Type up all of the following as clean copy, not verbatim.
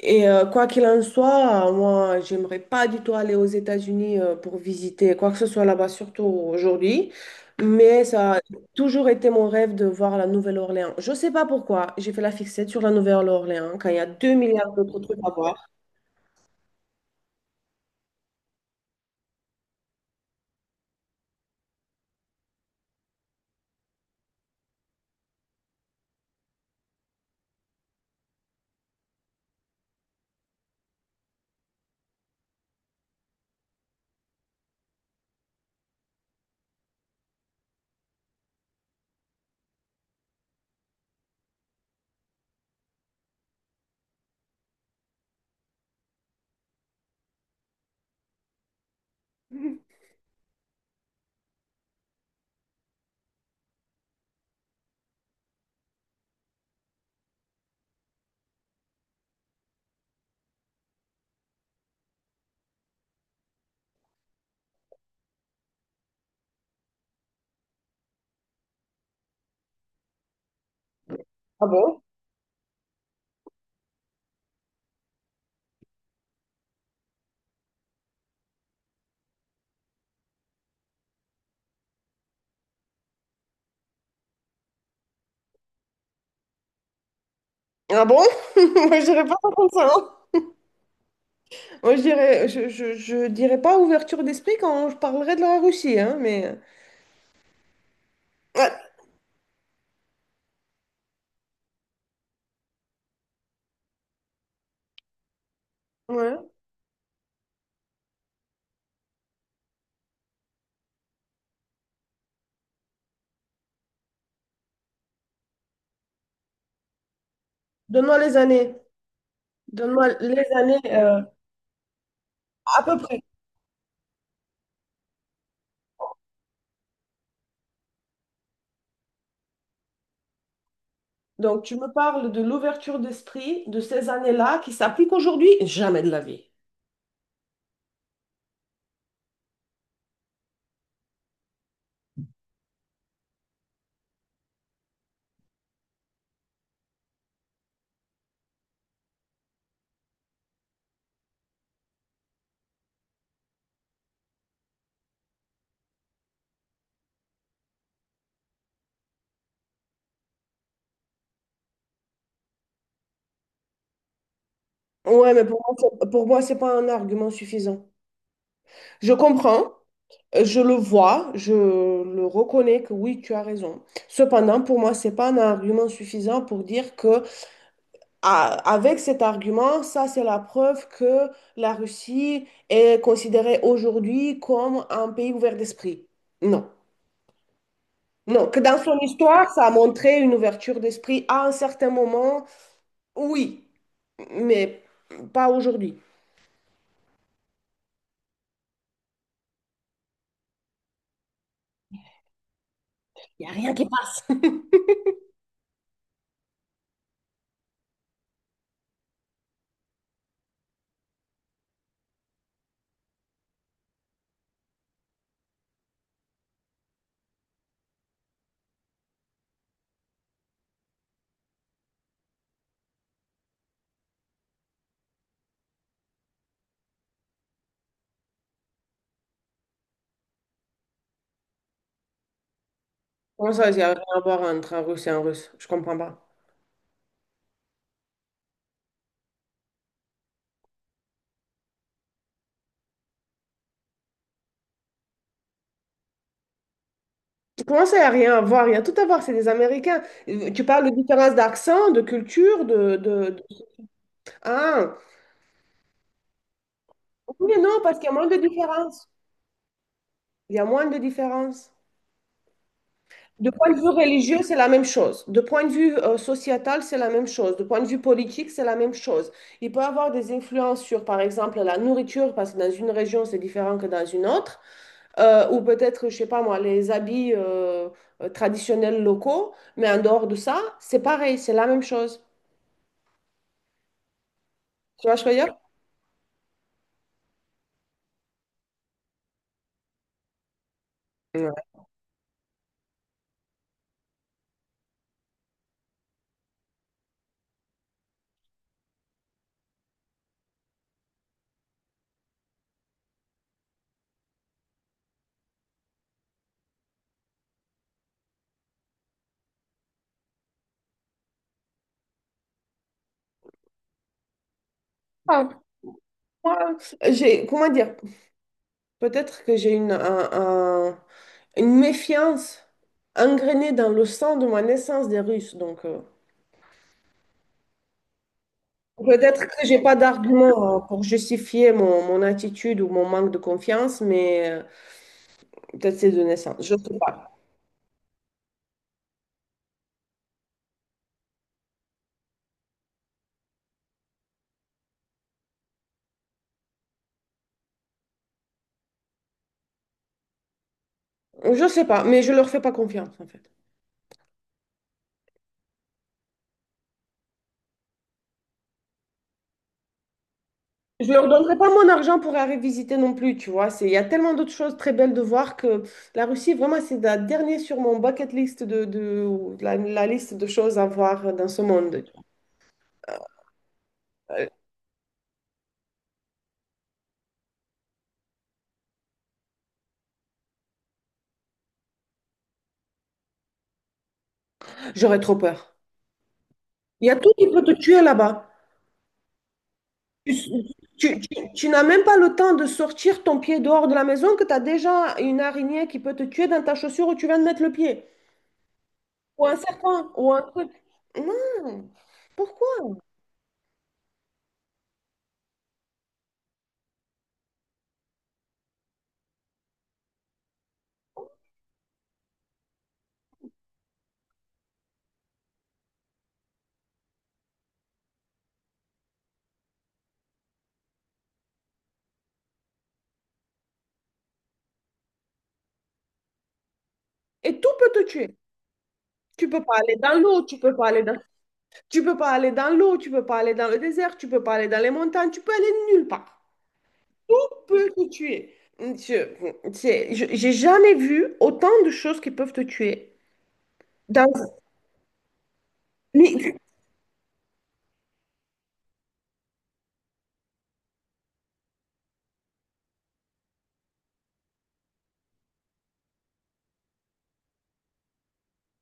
Et quoi qu'il en soit, moi, j'aimerais pas du tout aller aux États-Unis pour visiter quoi que ce soit là-bas, surtout aujourd'hui. Mais ça a toujours été mon rêve de voir la Nouvelle-Orléans. Je sais pas pourquoi, j'ai fait la fixette sur la Nouvelle-Orléans quand il y a 2 milliards d'autres trucs à voir. Ah bon? Ah bon? Moi, je dirais pas ça comme ça, hein. Moi, je dirais pas ouverture d'esprit quand je parlerai de la Russie, hein, mais... Ouais. Ouais. Donne-moi les années. Donne-moi les années à peu près. Donc, tu me parles de l'ouverture d'esprit de ces années-là qui s'applique aujourd'hui? Jamais de la vie. Ouais, mais pour moi, pour moi, c'est pas un argument suffisant. Je comprends, je le vois, je le reconnais que oui, tu as raison. Cependant, pour moi, c'est pas un argument suffisant pour dire que ah, avec cet argument, ça, c'est la preuve que la Russie est considérée aujourd'hui comme un pays ouvert d'esprit. Non. Non, que dans son histoire, ça a montré une ouverture d'esprit à un certain moment. Oui, mais pas aujourd'hui. Il n'y a rien qui passe. Comment ça, il n'y a rien à voir entre un Russe et un Russe? Je comprends pas. Comment ça, il n'y a rien à voir? Il y a tout à voir, c'est des Américains. Tu parles de différence d'accent, de culture, de- Ah, oui, mais non, parce qu'il y a moins de différence. Il y a moins de différence. De point de vue religieux, c'est la même chose. De point de vue sociétal, c'est la même chose. De point de vue politique, c'est la même chose. Il peut avoir des influences sur, par exemple, la nourriture, parce que dans une région, c'est différent que dans une autre. Ou peut-être, je sais pas moi, les habits traditionnels locaux, mais en dehors de ça, c'est pareil, c'est la même chose. Tu vois ce que je veux dire? Ouais. Ah, moi, j'ai, comment dire? Peut-être que j'ai un- une méfiance ingrénée dans le sang de ma naissance des Russes. Donc, peut-être que j'ai pas d'argument pour justifier mon attitude ou mon manque de confiance, mais peut-être c'est de naissance. Je sais pas. Je sais pas, mais je leur fais pas confiance, en fait. Je leur donnerai pas mon argent pour aller visiter non plus, tu vois. Il y a tellement d'autres choses très belles de voir que la Russie, vraiment, c'est la dernière sur mon bucket list ou la liste de choses à voir dans ce monde. Euh, J'aurais trop peur. Il y a tout qui peut te tuer là-bas. Tu, tu n'as même pas le temps de sortir ton pied dehors de la maison que tu as déjà une araignée qui peut te tuer dans ta chaussure où tu viens de mettre le pied. Ou un serpent, ou un truc. Non, pourquoi? Et tout peut te tuer. Tu peux pas aller dans l'eau, tu peux pas aller dans. Tu peux pas aller dans l'eau, tu peux pas aller dans le désert, tu peux pas aller dans les montagnes, tu peux aller nulle part. Peu te tuer. J'ai jamais vu autant de choses qui peuvent te tuer. Dans- Mais,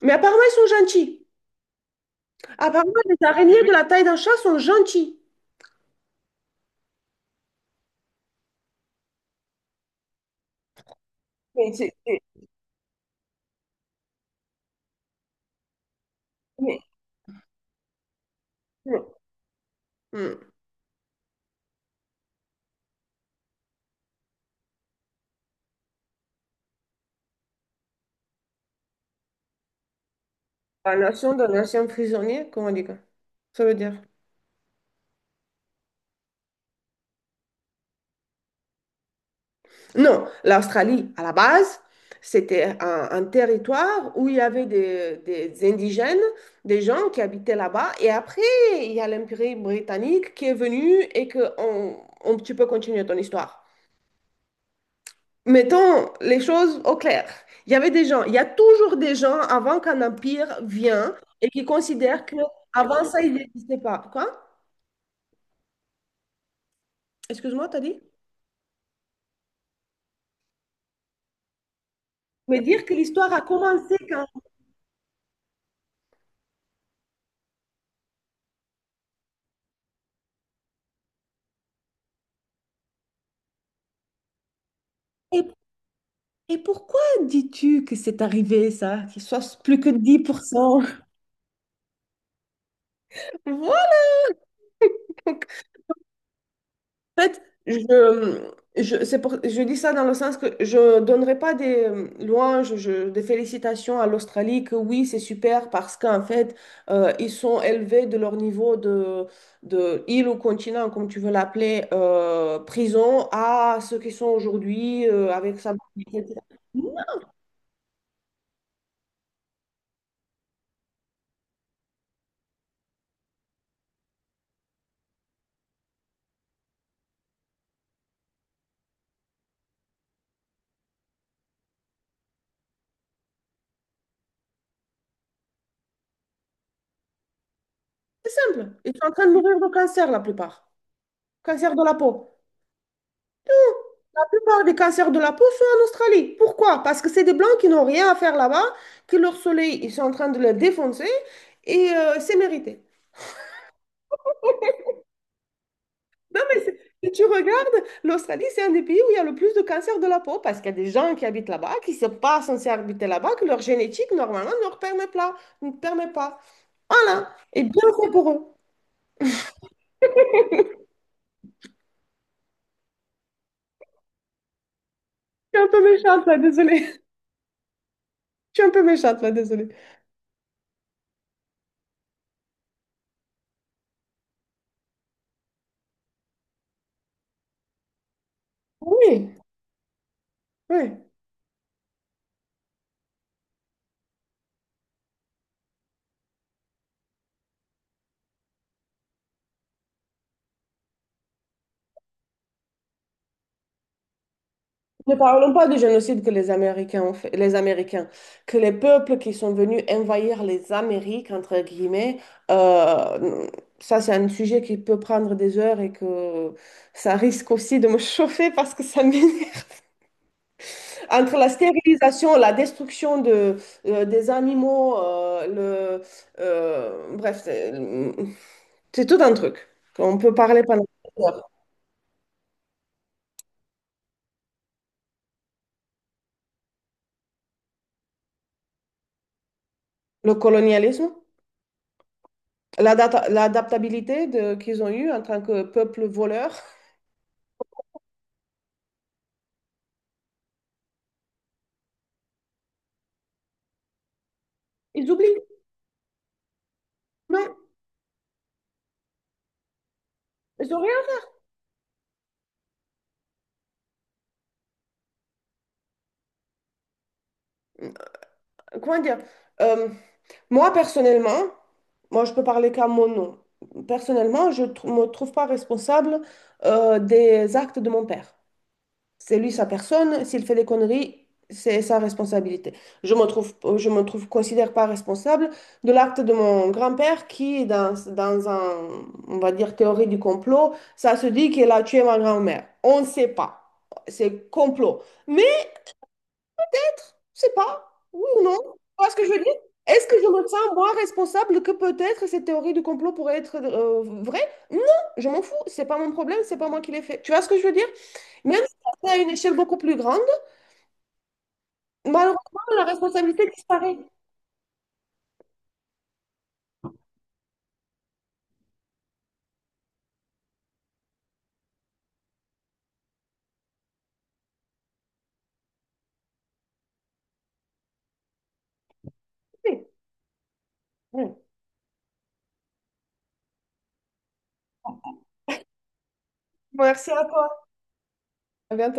mais apparemment, ils sont gentils. Apparemment, les araignées de la taille d'un chat sont gentilles. Mais c'est... c'est- mais- mais- Hmm. La nation d'un ancien prisonnier, comment on dit quoi? Ça veut dire... Non, l'Australie, à la base, c'était un territoire où il y avait des indigènes, des gens qui habitaient là-bas. Et après, il y a l'Empire britannique qui est venu et que tu peux continuer ton histoire. Mettons les choses au clair. Il y avait des gens, il y a toujours des gens avant qu'un empire vienne et qui considèrent que avant ça, il n'existait pas. Quoi? Excuse-moi, t'as dit? Mais dire que l'histoire a commencé quand. Et pourquoi dis-tu que c'est arrivé ça, qu'il soit plus que 10%? Voilà. Donc, en fait, c'est je dis ça dans le sens que je ne donnerai pas des louanges, des félicitations à l'Australie, que oui, c'est super parce qu'en fait, ils sont élevés de leur niveau de île ou continent, comme tu veux l'appeler, prison, à ce qu'ils sont aujourd'hui avec ça. C'est simple. Ils sont en train de mourir de cancer, la plupart. Cancer de la peau. Plupart des cancers de la peau sont en Australie. Pourquoi? Parce que c'est des Blancs qui n'ont rien à faire là-bas, que leur soleil, ils sont en train de le défoncer et c'est mérité. Non, mais si tu regardes, l'Australie, c'est un des pays où il y a le plus de cancers de la peau parce qu'il y a des gens qui habitent là-bas, qui ne sont pas censés habiter là-bas, que leur génétique, normalement, ne leur permet pas. Ne permet pas. Voilà. Et bien fait pour eux. Je suis un peu méchante là, désolée. Je suis un peu méchante là, désolée. Oui, oui. Ne parlons pas du génocide que les Américains ont fait, les Américains, que les peuples qui sont venus envahir les Amériques, entre guillemets, euh, ça c'est un sujet qui peut prendre des heures et que ça risque aussi de me chauffer parce que ça m'énerve. Entre la stérilisation, la destruction de, des animaux, bref, c'est tout un truc qu'on peut parler pendant des heures. Le colonialisme. L'adaptabilité de- qu'ils ont eue en tant que peuple voleur. Ils oublient. Non, ils ont rien. Comment dire? Euh, Moi, personnellement, moi, je peux parler qu'à mon nom. Personnellement, je ne me trouve pas responsable des actes de mon père. C'est lui sa personne. S'il fait des conneries, c'est sa responsabilité. Considère pas responsable de l'acte de mon grand-père qui, dans un, on va dire, théorie du complot, ça se dit qu'il a tué ma grand-mère. On ne sait pas. C'est complot. Mais je sais pas, oui ou non. Tu vois ce que je veux dire? Est-ce que je me sens moins responsable que peut-être cette théorie du complot pourrait être vraie? Non, je m'en fous. C'est pas mon problème. C'est pas moi qui l'ai fait. Tu vois ce que je veux dire? Même si c'est à une échelle beaucoup plus grande. Malheureusement, la responsabilité disparaît. Oui. Merci à toi. À bientôt.